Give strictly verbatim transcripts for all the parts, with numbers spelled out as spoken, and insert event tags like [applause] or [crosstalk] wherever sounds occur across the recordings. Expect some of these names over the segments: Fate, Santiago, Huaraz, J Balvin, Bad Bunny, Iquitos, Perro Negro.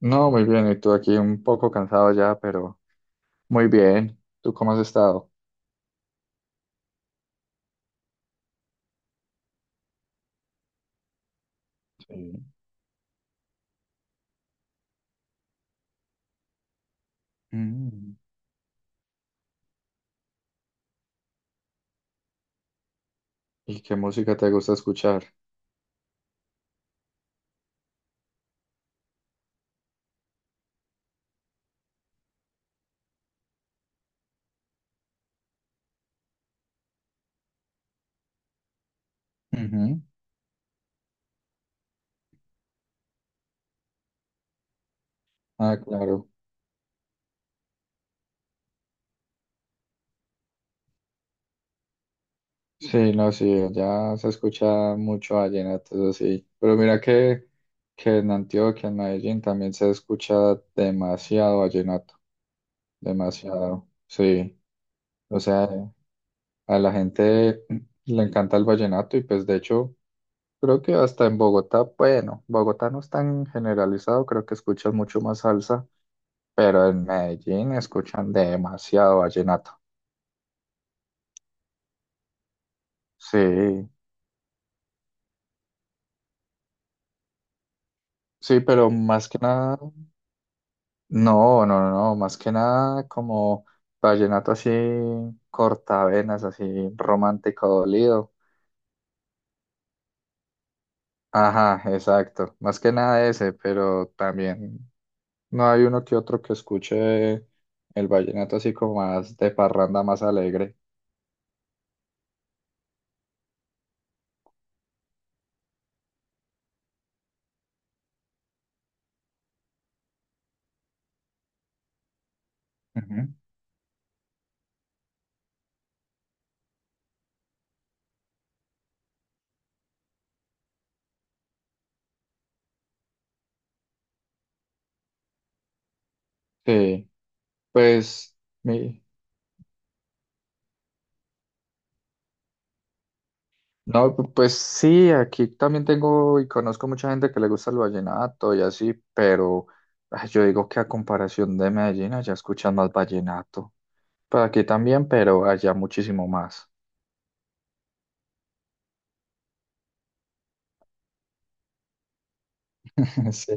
No, muy bien. Y tú aquí un poco cansado ya, pero muy bien. ¿Tú cómo has estado? Sí. Mm. ¿Y qué música te gusta escuchar? Ujú. Ah, claro. Sí, no, sí, ya se escucha mucho vallenato, eso sí. Pero mira que, que en Antioquia, en Medellín, también se escucha demasiado vallenato, demasiado, sí. O sea, a la gente le encanta el vallenato y, pues, de hecho, creo que hasta en Bogotá, bueno, Bogotá no es tan generalizado, creo que escuchan mucho más salsa, pero en Medellín escuchan demasiado vallenato. Sí, sí, pero más que nada, no, no, no, no, más que nada como vallenato así cortavenas, así romántico dolido. Ajá, exacto, más que nada ese, pero también no hay uno que otro que escuche el vallenato así como más de parranda, más alegre. Ujú. Sí. Pues, mi, no, pu- pues sí, aquí también tengo y conozco mucha gente que le gusta el vallenato y así, pero ay, yo digo que a comparación de Medellín, allá escuchan más vallenato. Pues aquí también, pero allá muchísimo más. [laughs] Sí.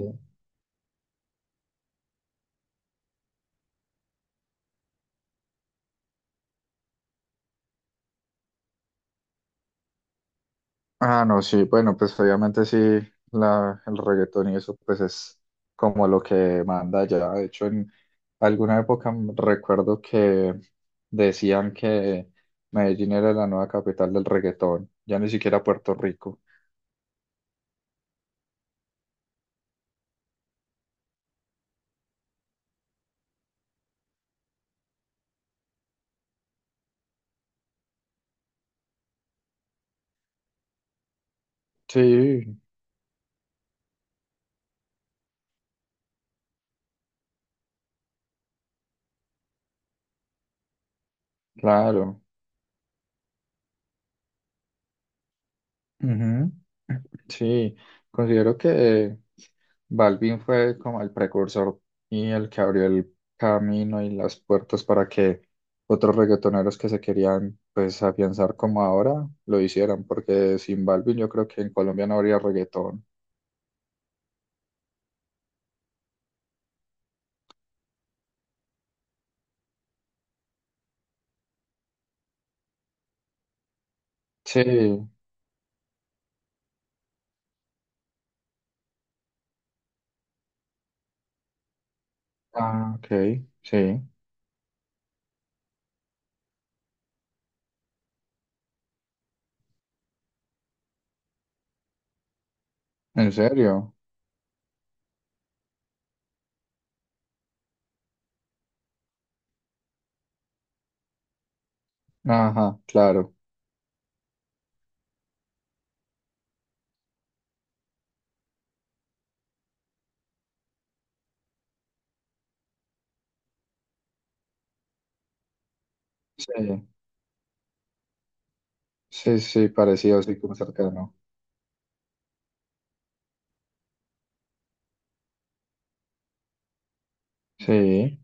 Ah, no, sí, bueno, pues obviamente sí, la, el reggaetón y eso, pues, es como lo que manda ya. De hecho, en alguna época m- recuerdo que decían que Medellín era la nueva capital del reggaetón, ya ni siquiera Puerto Rico. Sí, claro. Ujú. Sí, considero que Balvin fue como el precursor y el que abrió el camino y las puertas para que otros reggaetoneros que se querían, pues, afianzar como ahora lo hicieran, porque sin Balvin yo creo que en Colombia no habría reggaetón. Sí, ah, ok. Sí, en serio. Ajá, claro. Sí, sí, sí, parecido así como cercano. Sí,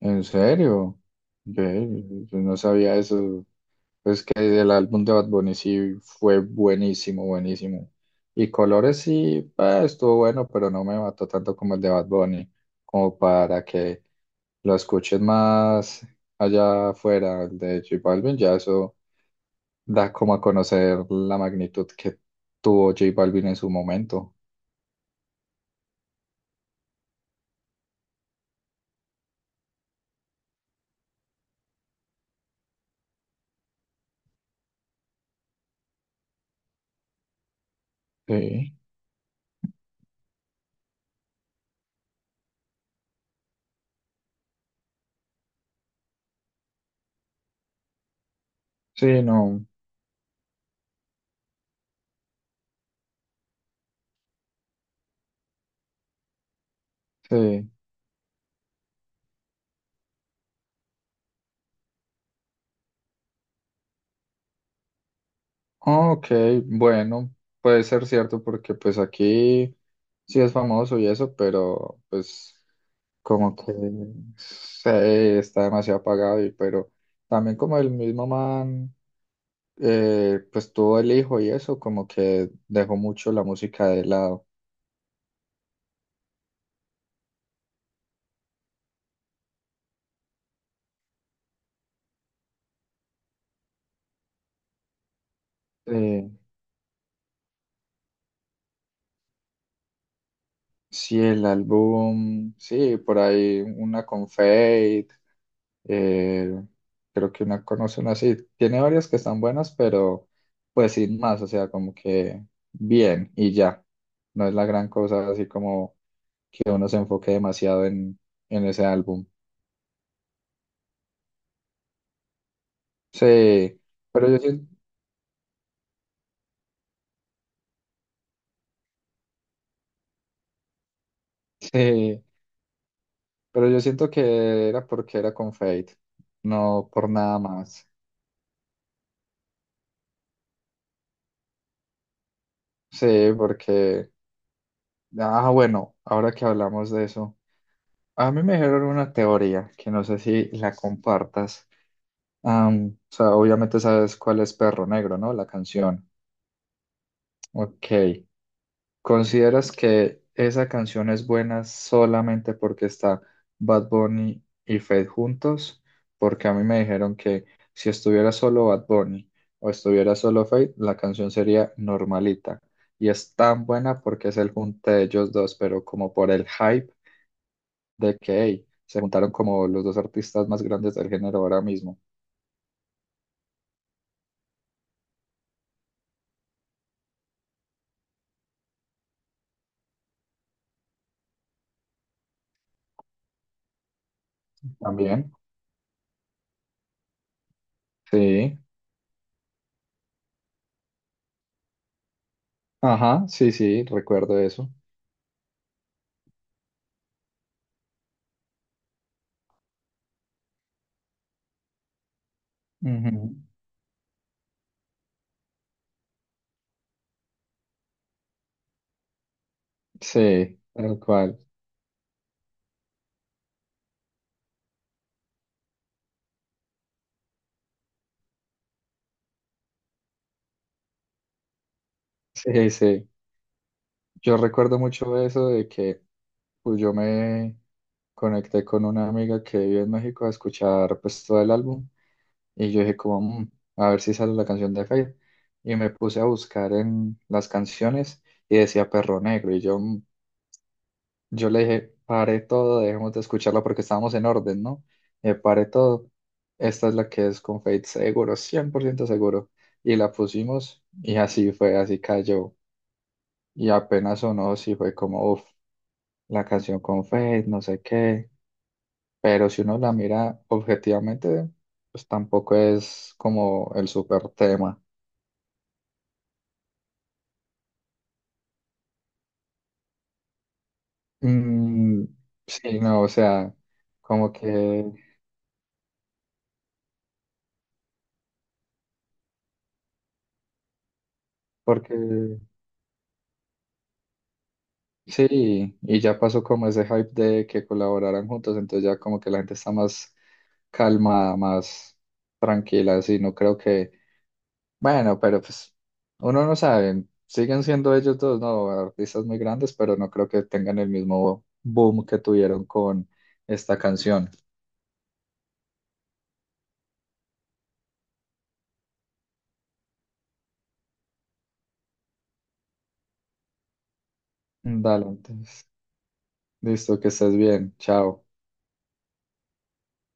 en serio. Ve, yo no sabía eso. Es que el álbum de Bad Bunny sí fue buenísimo, buenísimo. Y Colores sí, eh, estuvo bueno, pero no me mató tanto como el de Bad Bunny, como para que lo escuches más allá afuera. El de J Balvin, ya eso da como a conocer la magnitud que tuvo J Balvin en su momento. Sí, sí, no, sí. Ok, bueno, puede ser cierto porque, pues, aquí sí es famoso y eso, pero pues... como que se está demasiado apagado y pero también como el mismo man, eh, pues, tuvo el hijo y eso como que dejó mucho la música de lado. eh, sí, el álbum sí, por ahí una con Fate, eh, creo que una conocen así, tiene varias que están buenas, pero, pues, sin más, o sea, como que bien y ya, no es la gran cosa así como que uno se enfoque demasiado en en ese álbum. Sí, pero yo, sien- sí, pero yo siento que era porque era con Fate, no por nada más. Sí, porque, ah, bueno, ahora que hablamos de eso, a mí me dijeron una teoría que no sé si la compartas. Am, o sea, obviamente sabes cuál es Perro Negro, ¿no? La canción. Ok. ¿Consideras que esa canción es buena solamente porque está Bad Bunny y Fate juntos? Porque a mí me dijeron que si estuviera solo Bad Bunny o estuviera solo Fate, la canción sería normalita. Y es tan buena porque es el junte de ellos dos, pero como por el hype de que hey, se juntaron como los dos artistas más grandes del género ahora mismo. También, sí, ajá, sí, sí, recuerdo eso. Ujú. Sí, tal cual. Sí, sí. Yo recuerdo mucho eso de que, pues, yo me conecté con una amiga que vive en México a escuchar, pues, todo el álbum, y yo dije como "Mm, a ver si sale la canción de Fade", y me puse a buscar en las canciones y decía Perro Negro y yo, "Mm". Yo le dije, pare todo, dejemos de escucharla porque estábamos en orden, ¿no? Eh, pare todo, esta es la que es con Fade seguro, cien por ciento seguro, y la pusimos y así fue, así cayó, y apenas sonó, sí fue como uff. La canción con Fate, no sé qué, pero si uno la mira objetivamente, pues, tampoco es como el super tema. Mm, sí, no, o sea, como que, porque sí, y ya pasó como ese hype de que colaboraran juntos, entonces ya como que la gente está más calmada, más tranquila, así, no creo que... Bueno, pero, pues, uno no sabe, siguen siendo ellos dos, ¿no? Artistas muy grandes, pero no creo que tengan el mismo boom que tuvieron con esta canción. Dale, entonces. Listo, que estés bien. Chao.